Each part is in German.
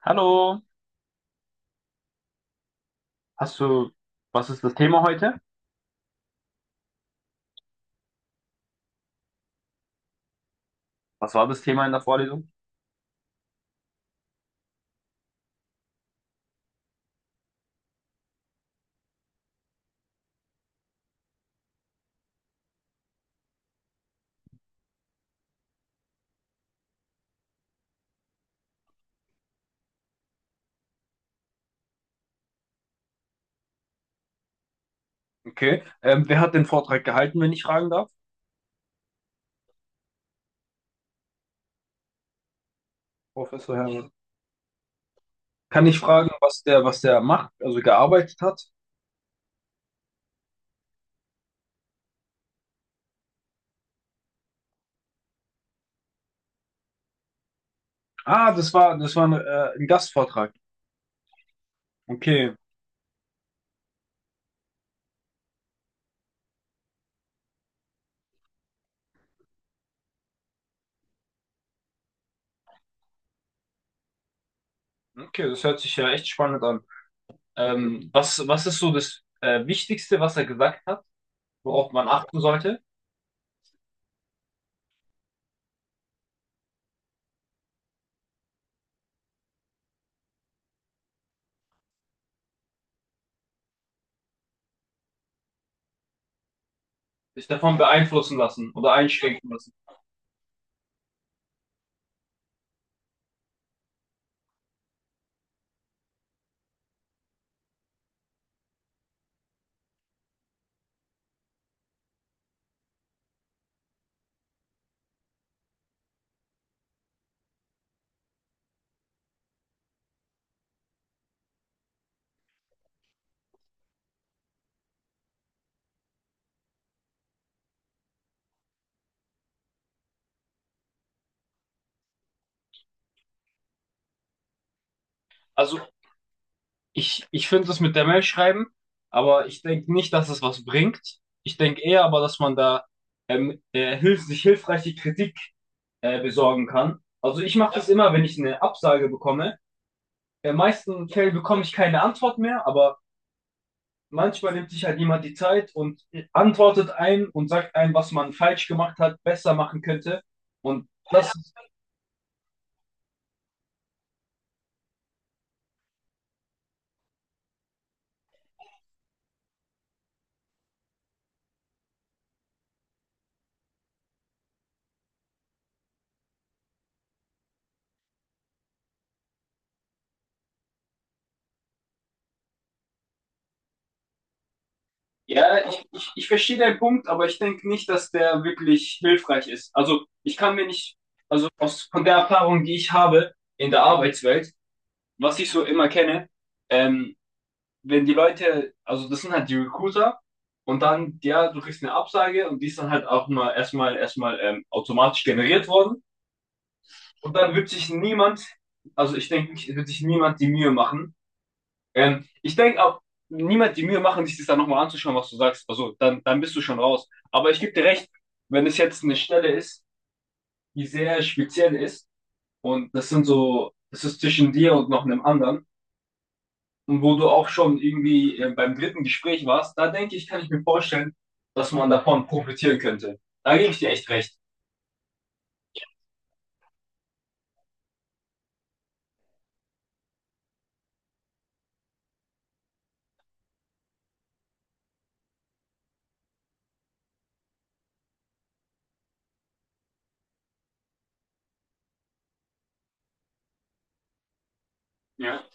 Hallo, hast du, was ist das Thema heute? Was war das Thema in der Vorlesung? Okay. Wer hat den Vortrag gehalten, wenn ich fragen darf? Professor Hermann. Kann ich fragen, was der macht, also gearbeitet hat? Ah, das war ein Gastvortrag. Okay. Okay, das hört sich ja echt spannend an. Was, was ist so das Wichtigste, was er gesagt hat, worauf man achten sollte? Sich davon beeinflussen lassen oder einschränken lassen. Also ich finde das mit der Mail schreiben, aber ich denke nicht, dass es was bringt. Ich denke eher aber, dass man da hilf sich hilfreiche Kritik besorgen kann. Also ich mache das immer, wenn ich eine Absage bekomme. In meisten Fällen bekomme ich keine Antwort mehr, aber manchmal nimmt sich halt jemand die Zeit und antwortet ein und sagt einem, was man falsch gemacht hat, besser machen könnte. Und ja, das, ja, ich verstehe deinen Punkt, aber ich denke nicht, dass der wirklich hilfreich ist. Also ich kann mir nicht, also aus, von der Erfahrung, die ich habe in der Arbeitswelt, was ich so immer kenne, ähm, wenn die Leute, also das sind halt die Recruiter und dann, ja, du kriegst eine Absage und die ist dann halt auch mal erstmal automatisch generiert worden und dann wird sich niemand, also ich denke, nicht, wird sich niemand die Mühe machen, ich denke auch, niemand die Mühe machen, sich das dann nochmal anzuschauen, was du sagst. Also, dann bist du schon raus. Aber ich gebe dir recht, wenn es jetzt eine Stelle ist, die sehr speziell ist und das sind so, das ist zwischen dir und noch einem anderen und wo du auch schon irgendwie beim dritten Gespräch warst, da denke ich, kann ich mir vorstellen, dass man davon profitieren könnte. Da gebe ich dir echt recht. Ja.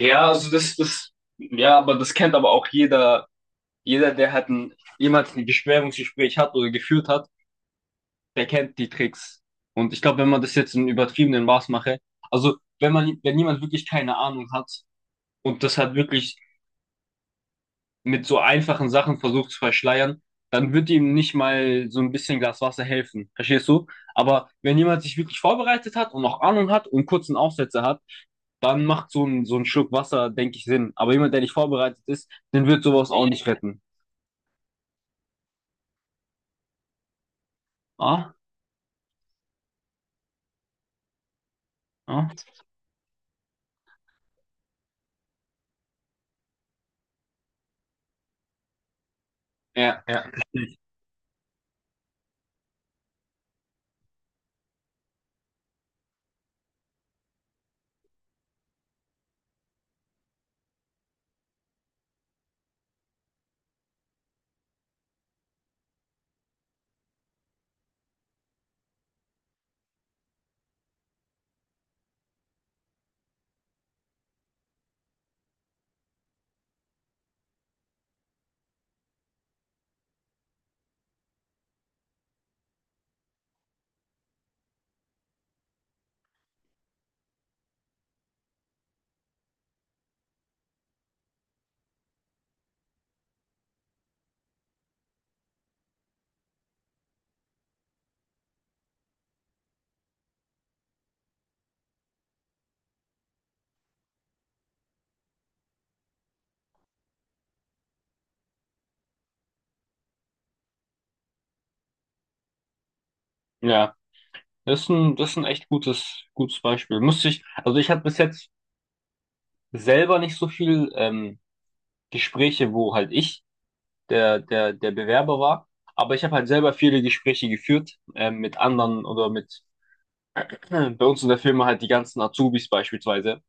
Ja, also das, ja, aber das kennt aber auch jeder, jeder, jemals ein Bewerbungsgespräch hat oder geführt hat. Der kennt die Tricks. Und ich glaube, wenn man das jetzt in übertriebenem Maß mache, also wenn man, wenn jemand wirklich keine Ahnung hat und das hat wirklich mit so einfachen Sachen versucht zu verschleiern, dann wird ihm nicht mal so ein bisschen Glas Wasser helfen. Verstehst du? Aber wenn jemand sich wirklich vorbereitet hat und auch Ahnung hat und kurzen Aufsätze hat, dann macht so ein Schluck Wasser, denke ich, Sinn. Aber jemand, der nicht vorbereitet ist, den wird sowas auch nicht retten. Ah? Ah? Ja, ja. Ja. Das ist ein echt gutes, gutes Beispiel. Musste ich, also ich hatte bis jetzt selber nicht so viel Gespräche, wo halt ich der Bewerber war, aber ich habe halt selber viele Gespräche geführt mit anderen oder mit bei uns in der Firma halt die ganzen Azubis beispielsweise.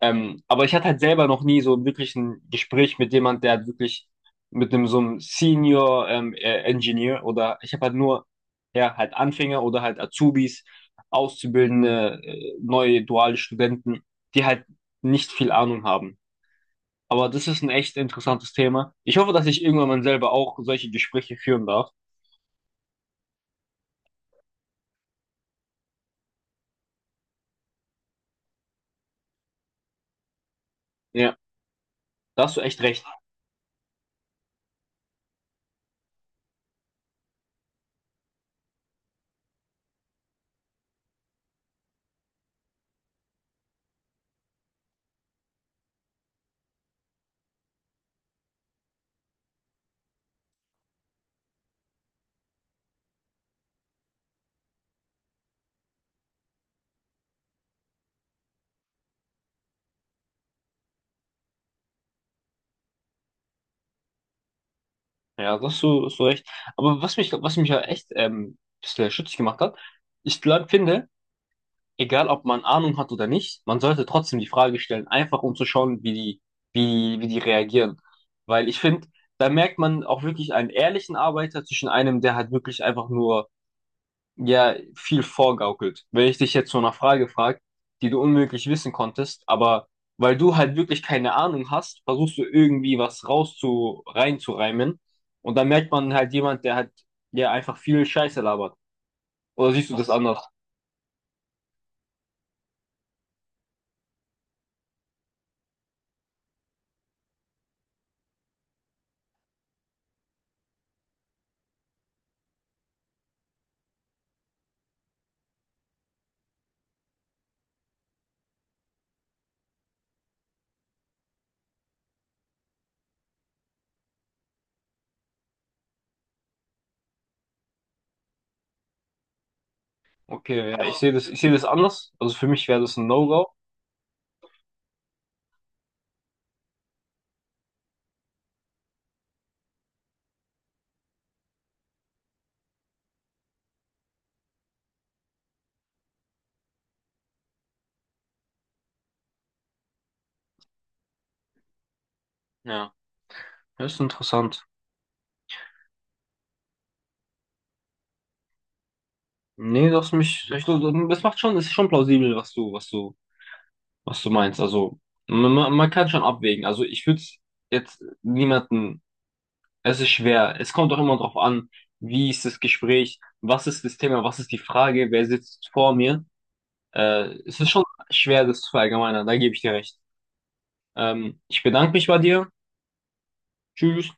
Aber ich hatte halt selber noch nie so wirklich ein Gespräch mit jemand, der halt wirklich mit einem so einem Senior Engineer oder ich habe halt nur ja halt Anfänger oder halt Azubis, Auszubildende, neue duale Studenten, die halt nicht viel Ahnung haben. Aber das ist ein echt interessantes Thema. Ich hoffe, dass ich irgendwann mal selber auch solche Gespräche führen darf. Ja, da hast du echt recht. Ja, da hast du recht. Aber was mich ja echt ein bisschen stutzig gemacht hat, ich glaub, finde, egal ob man Ahnung hat oder nicht, man sollte trotzdem die Frage stellen, einfach um zu schauen, wie die, wie die reagieren. Weil ich finde, da merkt man auch wirklich einen ehrlichen Arbeiter zwischen einem, der halt wirklich einfach nur, ja, viel vorgaukelt. Wenn ich dich jetzt so nach Frage frage, die du unmöglich wissen konntest, aber weil du halt wirklich keine Ahnung hast, versuchst du irgendwie was rauszu, reinzureimen. Und dann merkt man halt jemand, der halt, ja, einfach viel Scheiße labert. Oder siehst du das anders? Okay, ja, ich sehe das anders. Also für mich wäre das ein No-Go. Ja, das ist interessant. Nee, das mich, ich, das macht schon, das ist schon plausibel, was du meinst. Also man, man kann schon abwägen. Also ich würde jetzt niemanden, es ist schwer. Es kommt auch immer drauf an, wie ist das Gespräch, was ist das Thema, was ist die Frage, wer sitzt vor mir. Es ist schon schwer, das zu verallgemeinern. Da gebe ich dir recht. Ich bedanke mich bei dir. Tschüss.